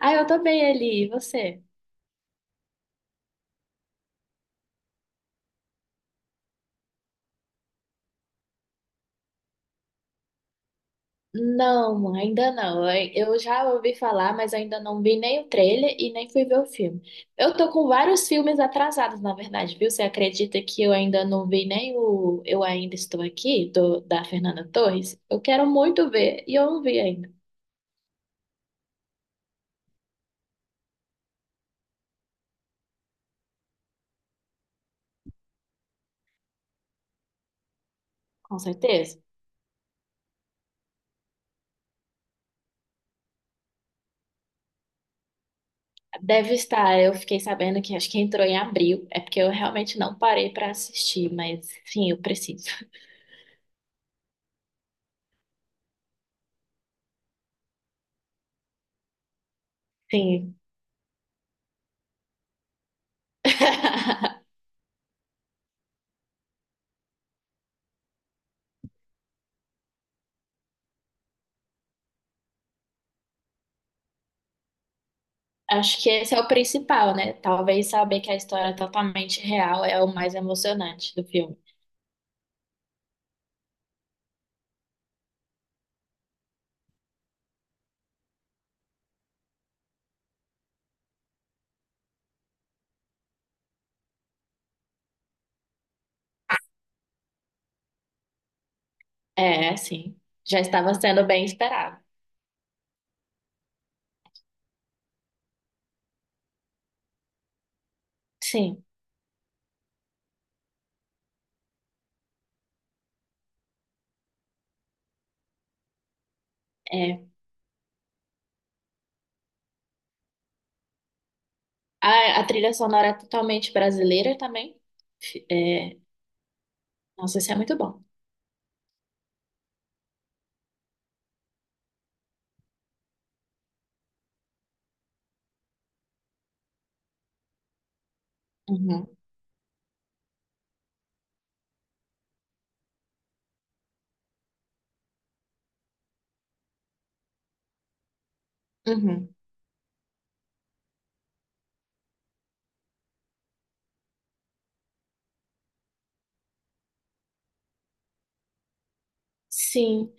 Ah, eu tô bem, Eli. E você? Não, ainda não. Eu já ouvi falar, mas ainda não vi nem o trailer e nem fui ver o filme. Eu tô com vários filmes atrasados, na verdade, viu? Você acredita que eu ainda não vi nem o Eu Ainda Estou Aqui, da Fernanda Torres? Eu quero muito ver e eu não vi ainda, com certeza. Deve estar, eu fiquei sabendo que acho que entrou em abril. É porque eu realmente não parei pra assistir, mas sim, eu preciso. Sim. Acho que esse é o principal, né? Talvez saber que a história é totalmente real é o mais emocionante do filme. É, sim. Já estava sendo bem esperado. Sim, é. A trilha sonora é totalmente brasileira também. É, nossa, isso é muito bom. Uhum, uhum. Sim,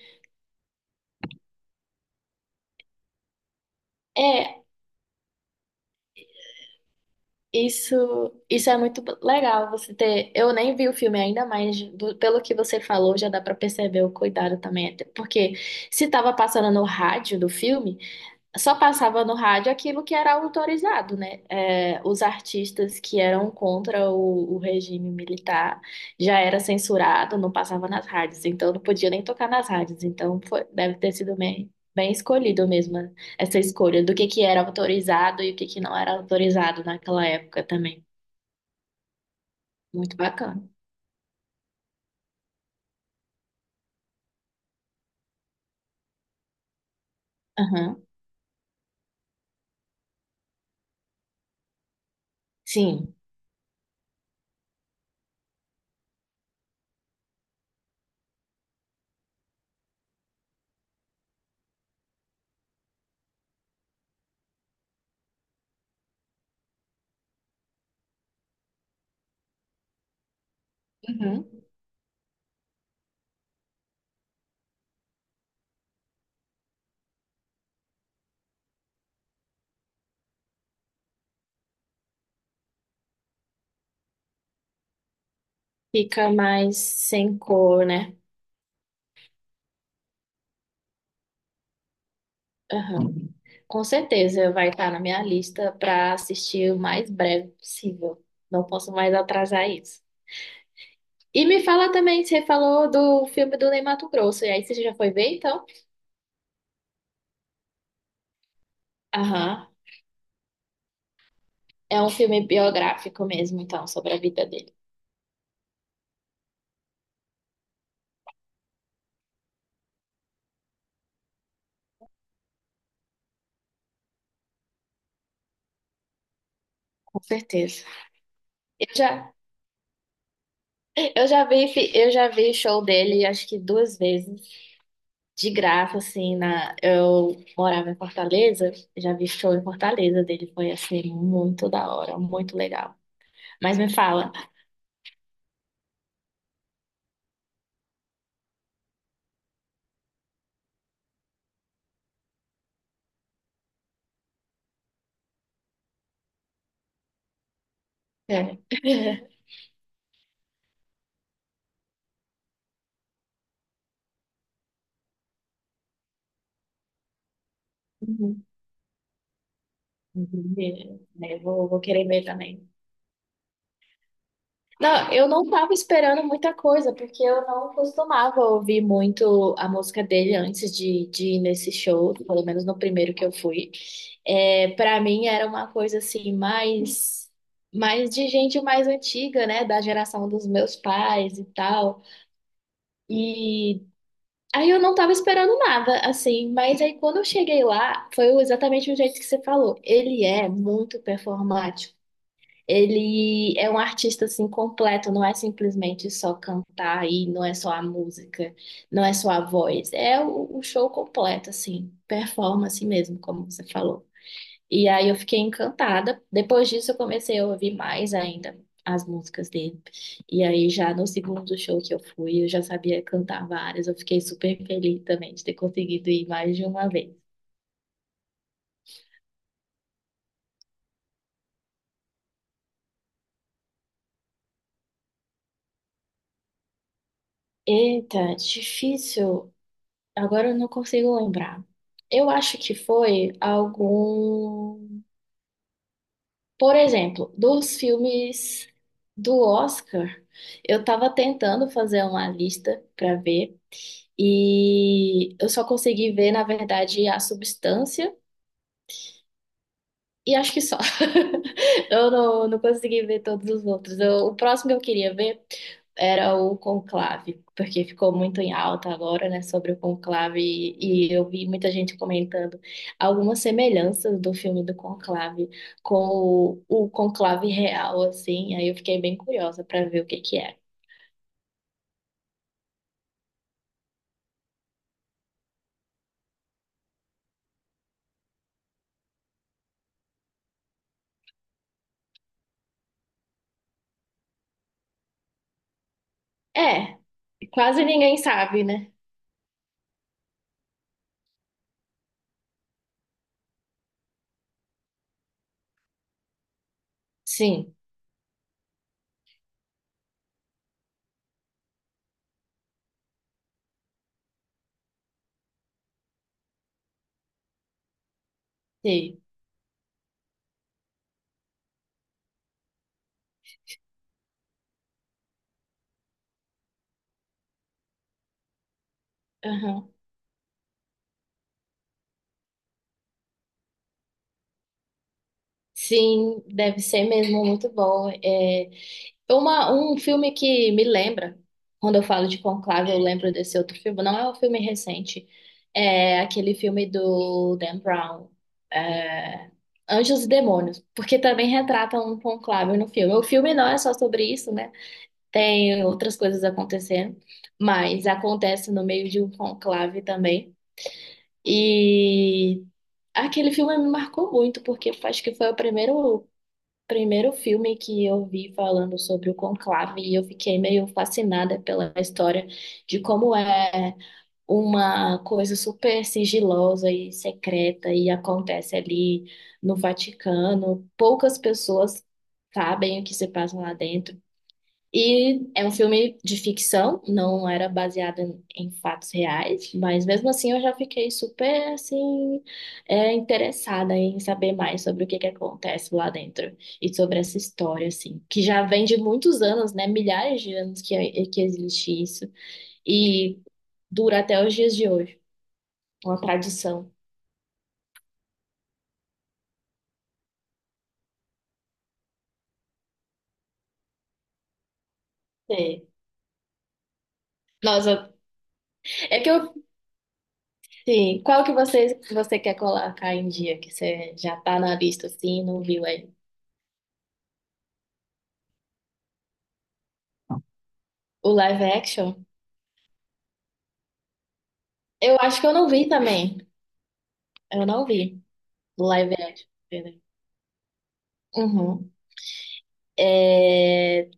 é. Isso é muito legal você ter. Eu nem vi o filme ainda, mas pelo que você falou, já dá pra perceber o cuidado também. Até porque se tava passando no rádio do filme. Só passava no rádio aquilo que era autorizado, né? É, os artistas que eram contra o regime militar já era censurado, não passava nas rádios, então não podia nem tocar nas rádios. Deve ter sido bem, bem escolhido mesmo né, essa escolha do que era autorizado e o que que não era autorizado naquela época também. Muito bacana. Aham. Sim. Uhum. Fica mais sem cor, né? Aham. Com certeza vai estar na minha lista para assistir o mais breve possível. Não posso mais atrasar isso. E me fala também, você falou do filme do Ney Matogrosso, e aí você já foi ver, então? Aham. É um filme biográfico mesmo, então, sobre a vida dele. Com certeza. Eu já, eu já vi, eu já vi show dele, acho que duas vezes, de graça, assim, na, eu morava em Fortaleza, já vi show em Fortaleza dele, foi, assim, muito da hora, muito legal. Mas me fala. É. Uhum, entendi. É, vou querer ver também. Não, eu não tava esperando muita coisa, porque eu não costumava ouvir muito a música dele antes de ir nesse show, pelo menos no primeiro que eu fui. É, para mim era uma coisa assim, mais, mais de gente mais antiga, né? Da geração dos meus pais e tal. E aí eu não tava esperando nada, assim, mas aí quando eu cheguei lá, foi exatamente o jeito que você falou. Ele é muito performático. Ele é um artista assim completo, não é simplesmente só cantar e não é só a música, não é só a voz, é o show completo assim, performance mesmo, como você falou. E aí eu fiquei encantada. Depois disso eu comecei a ouvir mais ainda as músicas dele. E aí já no segundo show que eu fui, eu já sabia cantar várias. Eu fiquei super feliz também de ter conseguido ir mais de uma vez. Eita, difícil. Agora eu não consigo lembrar. Eu acho que foi algum. Por exemplo, dos filmes do Oscar, eu tava tentando fazer uma lista pra ver e eu só consegui ver, na verdade, A Substância. E acho que só. Eu não, não consegui ver todos os outros. O próximo que eu queria ver era o Conclave, porque ficou muito em alta agora, né, sobre o Conclave. E eu vi muita gente comentando algumas semelhanças do filme do Conclave com o Conclave real, assim. Aí eu fiquei bem curiosa para ver o que que é. É, quase ninguém sabe, né? Sim, sim. Aham. Sim, deve ser mesmo muito bom. É, um filme que me lembra, quando eu falo de Conclave, eu lembro desse outro filme. Não é um filme recente, é aquele filme do Dan Brown, é, Anjos e Demônios, porque também retrata um conclave no filme. O filme não é só sobre isso, né? Tem outras coisas acontecendo, mas acontece no meio de um conclave também. E aquele filme me marcou muito, porque eu acho que foi o primeiro filme que eu vi falando sobre o conclave e eu fiquei meio fascinada pela história de como é uma coisa super sigilosa e secreta e acontece ali no Vaticano. Poucas pessoas sabem o que se passa lá dentro. E é um filme de ficção, não era baseado em fatos reais, mas mesmo assim eu já fiquei super assim, é, interessada em saber mais sobre o que que acontece lá dentro e sobre essa história assim, que já vem de muitos anos, né? Milhares de anos que existe isso e dura até os dias de hoje, uma tradição. É. Nossa, é que eu, sim, qual que você quer colocar em dia que você já tá na lista assim, não viu aí? O live action? Eu acho que eu não vi também. Eu não vi do live action. Peraí. Uhum. É...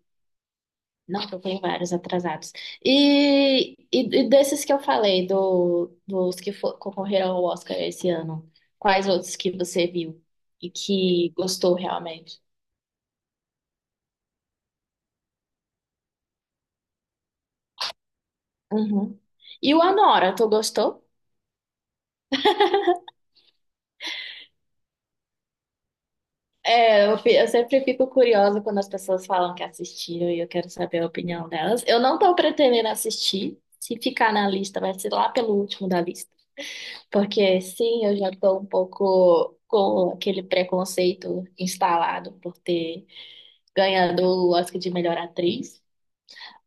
Nossa, eu tenho vários atrasados. E desses que eu falei, dos que concorreram ao Oscar esse ano, quais outros que você viu e que gostou realmente? Uhum. E o Anora, tu gostou? É, eu, eu sempre fico curiosa quando as pessoas falam que assistiram e eu quero saber a opinião delas. Eu não tô pretendendo assistir. Se ficar na lista, vai ser lá pelo último da lista. Porque sim, eu já estou um pouco com aquele preconceito instalado por ter ganhado o Oscar de melhor atriz,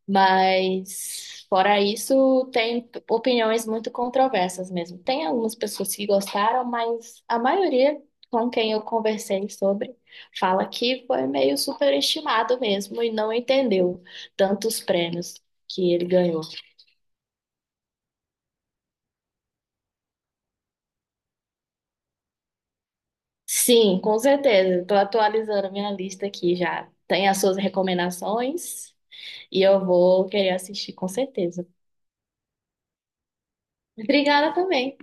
mas fora isso, tem opiniões muito controversas mesmo. Tem algumas pessoas que gostaram, mas a maioria com quem eu conversei sobre fala que foi meio superestimado mesmo e não entendeu tantos prêmios que ele ganhou. Sim, com certeza. Estou atualizando minha lista aqui já. Tem as suas recomendações e eu vou querer assistir, com certeza. Obrigada também.